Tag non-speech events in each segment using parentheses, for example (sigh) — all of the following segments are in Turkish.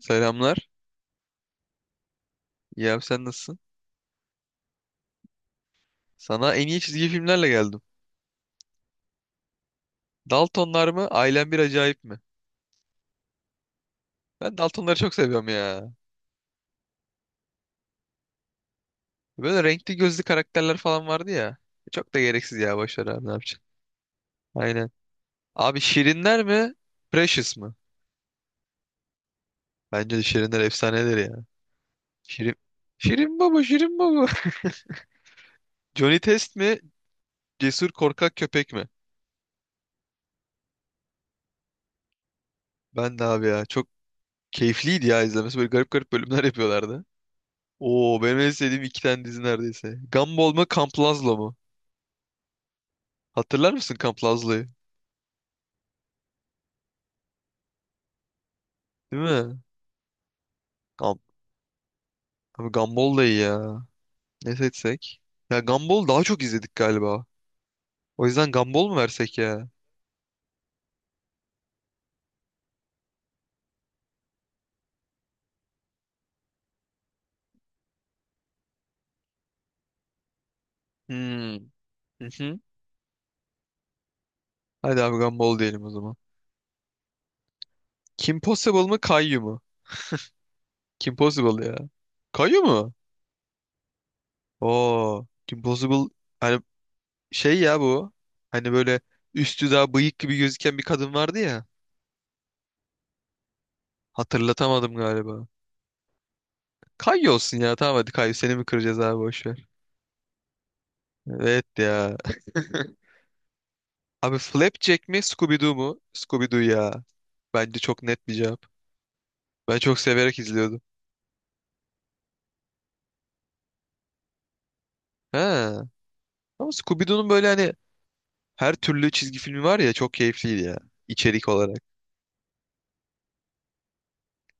Selamlar. İyi abi, sen nasılsın? Sana en iyi çizgi filmlerle geldim. Daltonlar mı, ailen bir acayip mi? Ben Daltonları çok seviyorum ya. Böyle renkli gözlü karakterler falan vardı ya. Çok da gereksiz ya, boş ver abi, ne yapacaksın? Aynen. Abi, Şirinler mi, Precious mı? Bence de Şirinler efsanedir ya. Şirin... Şirin baba, Şirin baba. (laughs) Johnny Test mi, cesur korkak köpek mi? Ben de abi ya. Çok keyifliydi ya izlemesi. Böyle garip garip bölümler yapıyorlardı. Oo, benim en sevdiğim iki tane dizi neredeyse. Gumball mı, Camp Lazlo mu? Hatırlar mısın Camp Lazlı'yı? Değil mi? Gam Abi, Gumball da iyi ya. Ne seçsek? Ya, Gumball daha çok izledik galiba. O yüzden Gumball mu versek ya? Hmm. Hı hı. Hadi abi, Gumball diyelim o zaman. Kim Possible mı, Caillou mu? Kim Possible ya. Caillou mu? Oo. Kim Possible, hani şey ya bu. Hani böyle üstü daha bıyık gibi gözüken bir kadın vardı ya. Hatırlatamadım galiba. Caillou olsun ya. Tamam, hadi Caillou, seni mi kıracağız abi, boş ver. Evet ya. (laughs) Abi, Flapjack mi, Scooby-Doo mu? Scooby-Doo ya. Bence çok net bir cevap. Ben çok severek izliyordum. He. Ama Scooby-Doo'nun böyle hani her türlü çizgi filmi var ya, çok keyifliydi ya. İçerik olarak.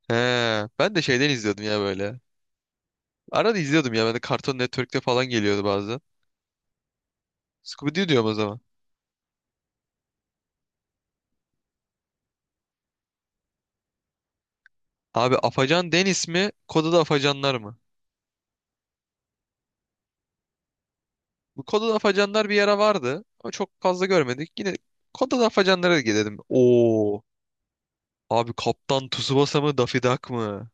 He. Ben de şeyden izliyordum ya böyle. Arada izliyordum ya. Ben de Cartoon Network'te falan geliyordu bazen. Scooby-Doo diyorum o zaman. Abi, Afacan Deniz mi, Koda'da Afacanlar mı? Bu Koda'da Afacanlar bir ara vardı. Ama çok fazla görmedik. Yine Koda'da Afacanlara gidelim. Oo. Abi, Kaptan Tsubasa mı, Daffy Duck mı?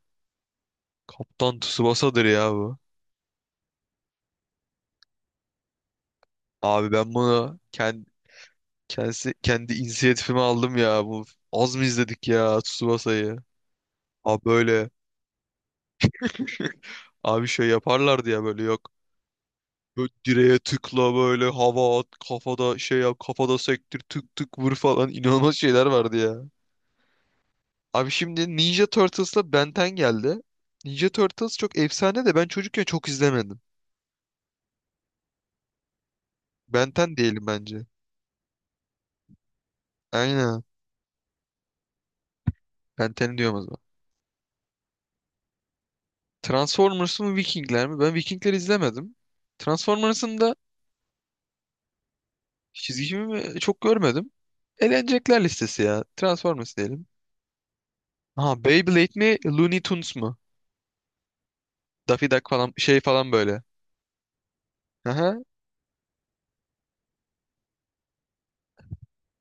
Kaptan Tsubasa'dır ya bu. Abi ben bunu kendi inisiyatifime aldım ya. Bu az mı izledik ya Tsubasa'yı? Abi böyle abi şey yaparlardı ya böyle, yok. Böyle direğe tıkla, böyle hava at kafada, şey yap kafada, sektir tık tık vur falan (laughs) inanılmaz şeyler vardı ya. Abi şimdi Ninja Turtles'la Ben 10 geldi. Ninja Turtles çok efsane de ben çocukken çok izlemedim. Ben 10 diyelim bence. Aynen. Ben 10 diyorum o zaman. Transformers mı, Vikingler mi? Ben Vikingler izlemedim. Transformers'ın da çizgi filmi çok görmedim. Eğlenecekler listesi ya. Transformers diyelim. Ha, Beyblade mi, Looney Tunes mu? Daffy Duck falan şey falan böyle. Aha.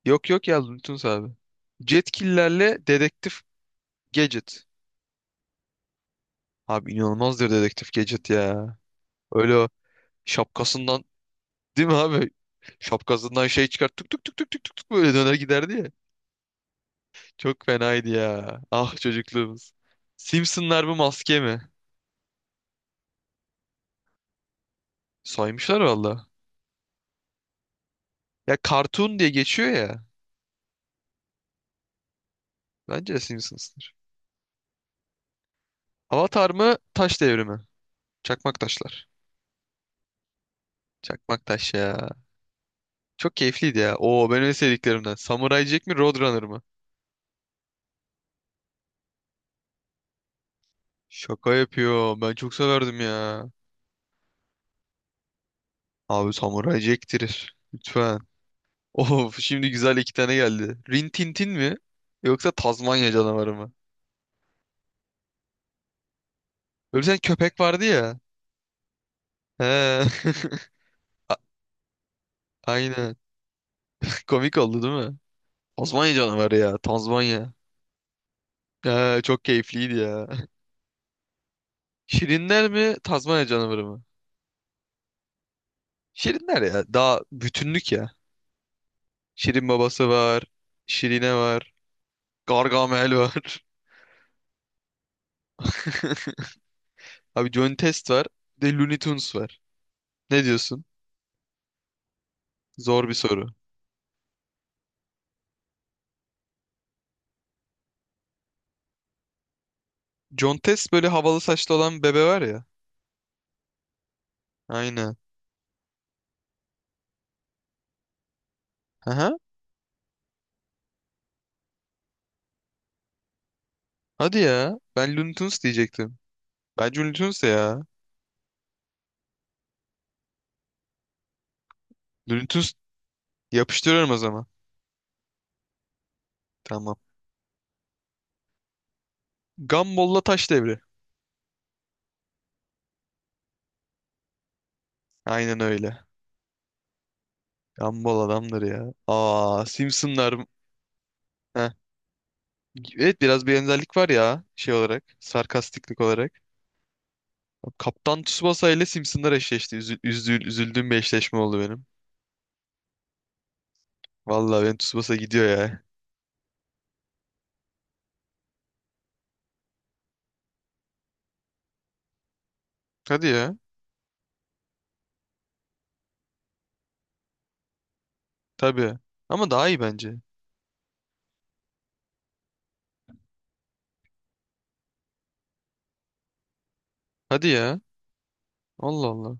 Yok yok ya, Looney Tunes abi. Jetkillerle Dedektif Gadget. Abi, inanılmazdır Dedektif Gadget ya. Öyle o şapkasından, değil mi abi? Şapkasından şey çıkart, tık tık tık tık tık tık tık böyle döner giderdi. Çok fenaydı ya. Ah, çocukluğumuz. Simpsonlar bu, maske mi? Saymışlar valla. Ya cartoon diye geçiyor ya. Bence de Simpsons'tır. Avatar mı? Taş devrimi. Çakmak taşlar. Çakmak taş ya. Çok keyifliydi ya. Oo, benim en sevdiklerimden. Samurai Jack mi, Roadrunner mı? Şaka yapıyor. Ben çok severdim ya. Abi, Samurai Jack'tir. Lütfen. (laughs) Of, şimdi güzel iki tane geldi. Rin Tin Tin mi, yoksa Tazmanya canavarı mı? Öyle bir tane köpek vardı ya. He. (laughs) Aynen. (laughs) Komik oldu, değil mi? Tazmanya canavarı ya. Tazmanya. Ya, çok keyifliydi ya. Şirinler mi, Tazmanya canavarı mı? Şirinler ya. Daha bütünlük ya. Şirin babası var. Şirine var. Gargamel var. (laughs) Abi, John Test var. Bir de Looney Tunes var. Ne diyorsun? Zor bir soru. John Test, böyle havalı saçlı olan bebe var ya. Aynen. Aha. Hadi ya. Ben Looney Tunes diyecektim. Bence Looney Tunes de ya. Looney Tunes yapıştırıyorum o zaman. Tamam. Gumball'la taş devri. Aynen öyle. Gumball adamdır ya. Aa, Simpsonlar. Heh. Evet, biraz bir benzerlik var ya şey olarak, sarkastiklik olarak. Kaptan Tsubasa ile Simpsonlar eşleşti. Üzüldüğüm bir eşleşme oldu benim. Vallahi benim Tsubasa gidiyor ya. Hadi ya. Tabii. Ama daha iyi bence. Hadi ya. Allah Allah.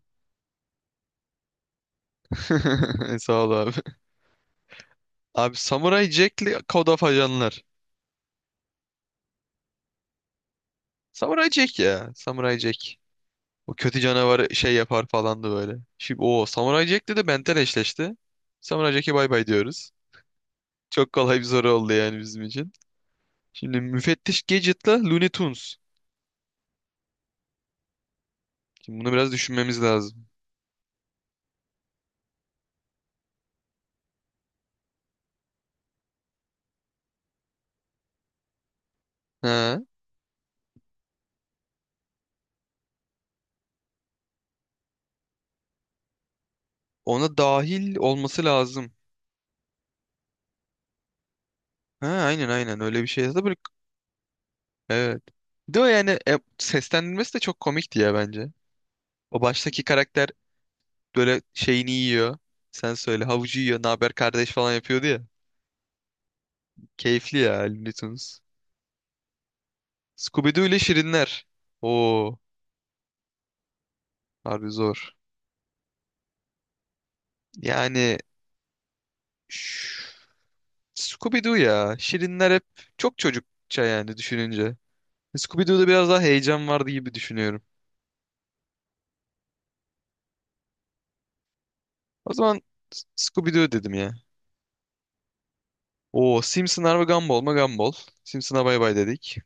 (laughs) Sağ ol abi. Abi, Samurai Jack'li Code of Ajanlar. Samurai Jack ya. Samurai Jack. O kötü canavar şey yapar falandı böyle. Şimdi o Samuray Jack de eşleşti. Samuray Jack'e bay bay diyoruz. Çok kolay bir soru oldu yani bizim için. Şimdi müfettiş Gadget'la Looney Tunes. Şimdi bunu biraz düşünmemiz lazım. Ha, ona dahil olması lazım. Ha, aynen aynen öyle bir şey yazdı. Böyle, evet. Bir de o yani, e, seslendirmesi de çok komikti ya bence. O baştaki karakter böyle şeyini yiyor. Sen söyle, havucu yiyor. Ne haber kardeş falan yapıyordu ya. Keyifli ya Looney Tunes. Scooby-Doo ile Şirinler. Oo, harbi zor. Yani ş- Scooby-Doo ya. Şirinler hep çok çocukça yani düşününce. Scooby-Doo'da biraz daha heyecan vardı gibi düşünüyorum. O zaman Scooby-Doo dedim ya. Oo, Simpsonlar mı, Gumball mı? Gumball. Simpson'a bay bay dedik.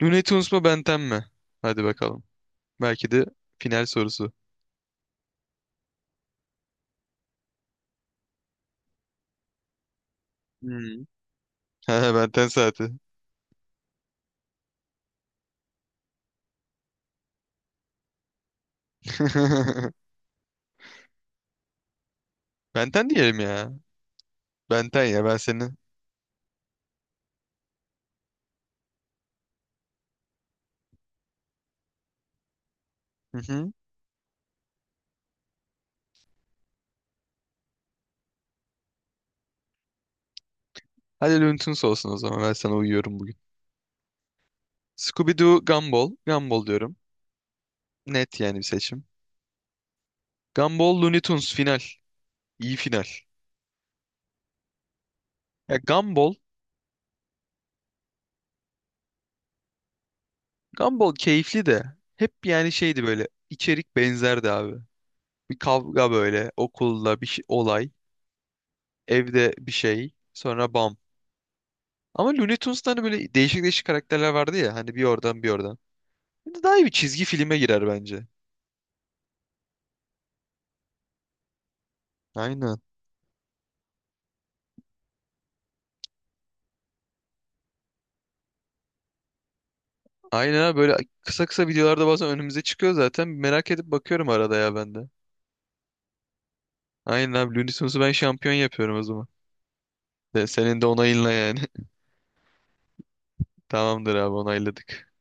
Looney Tunes mu, Ben 10 mi? Hadi bakalım. Belki de final sorusu. Hmm. (laughs) Ha, Ben 10 saati. (laughs) Ben 10 diyelim ya. Ben 10 ya, ben seni. (laughs) Hadi Loon'tons olsun o zaman. Ben sana uyuyorum bugün. Scooby-Doo, Gumball. Gumball diyorum. Net yani bir seçim. Gumball, Looney Tunes final. İyi final. Ya Gumball, Gumball keyifli de hep yani şeydi böyle, içerik benzerdi abi. Bir kavga böyle okulda bir şey, olay, evde bir şey, sonra bam. Ama Looney Tunes'ta hani böyle değişik değişik karakterler vardı ya, hani bir oradan bir oradan. Daha iyi bir çizgi filme girer bence. Aynen. Aynen abi, böyle kısa kısa videolarda bazen önümüze çıkıyor zaten. Merak edip bakıyorum arada ya ben de. Aynen abi, Looney Tunes'u ben şampiyon yapıyorum o zaman. De, senin de onayınla yani. (laughs) Tamamdır abi, onayladık.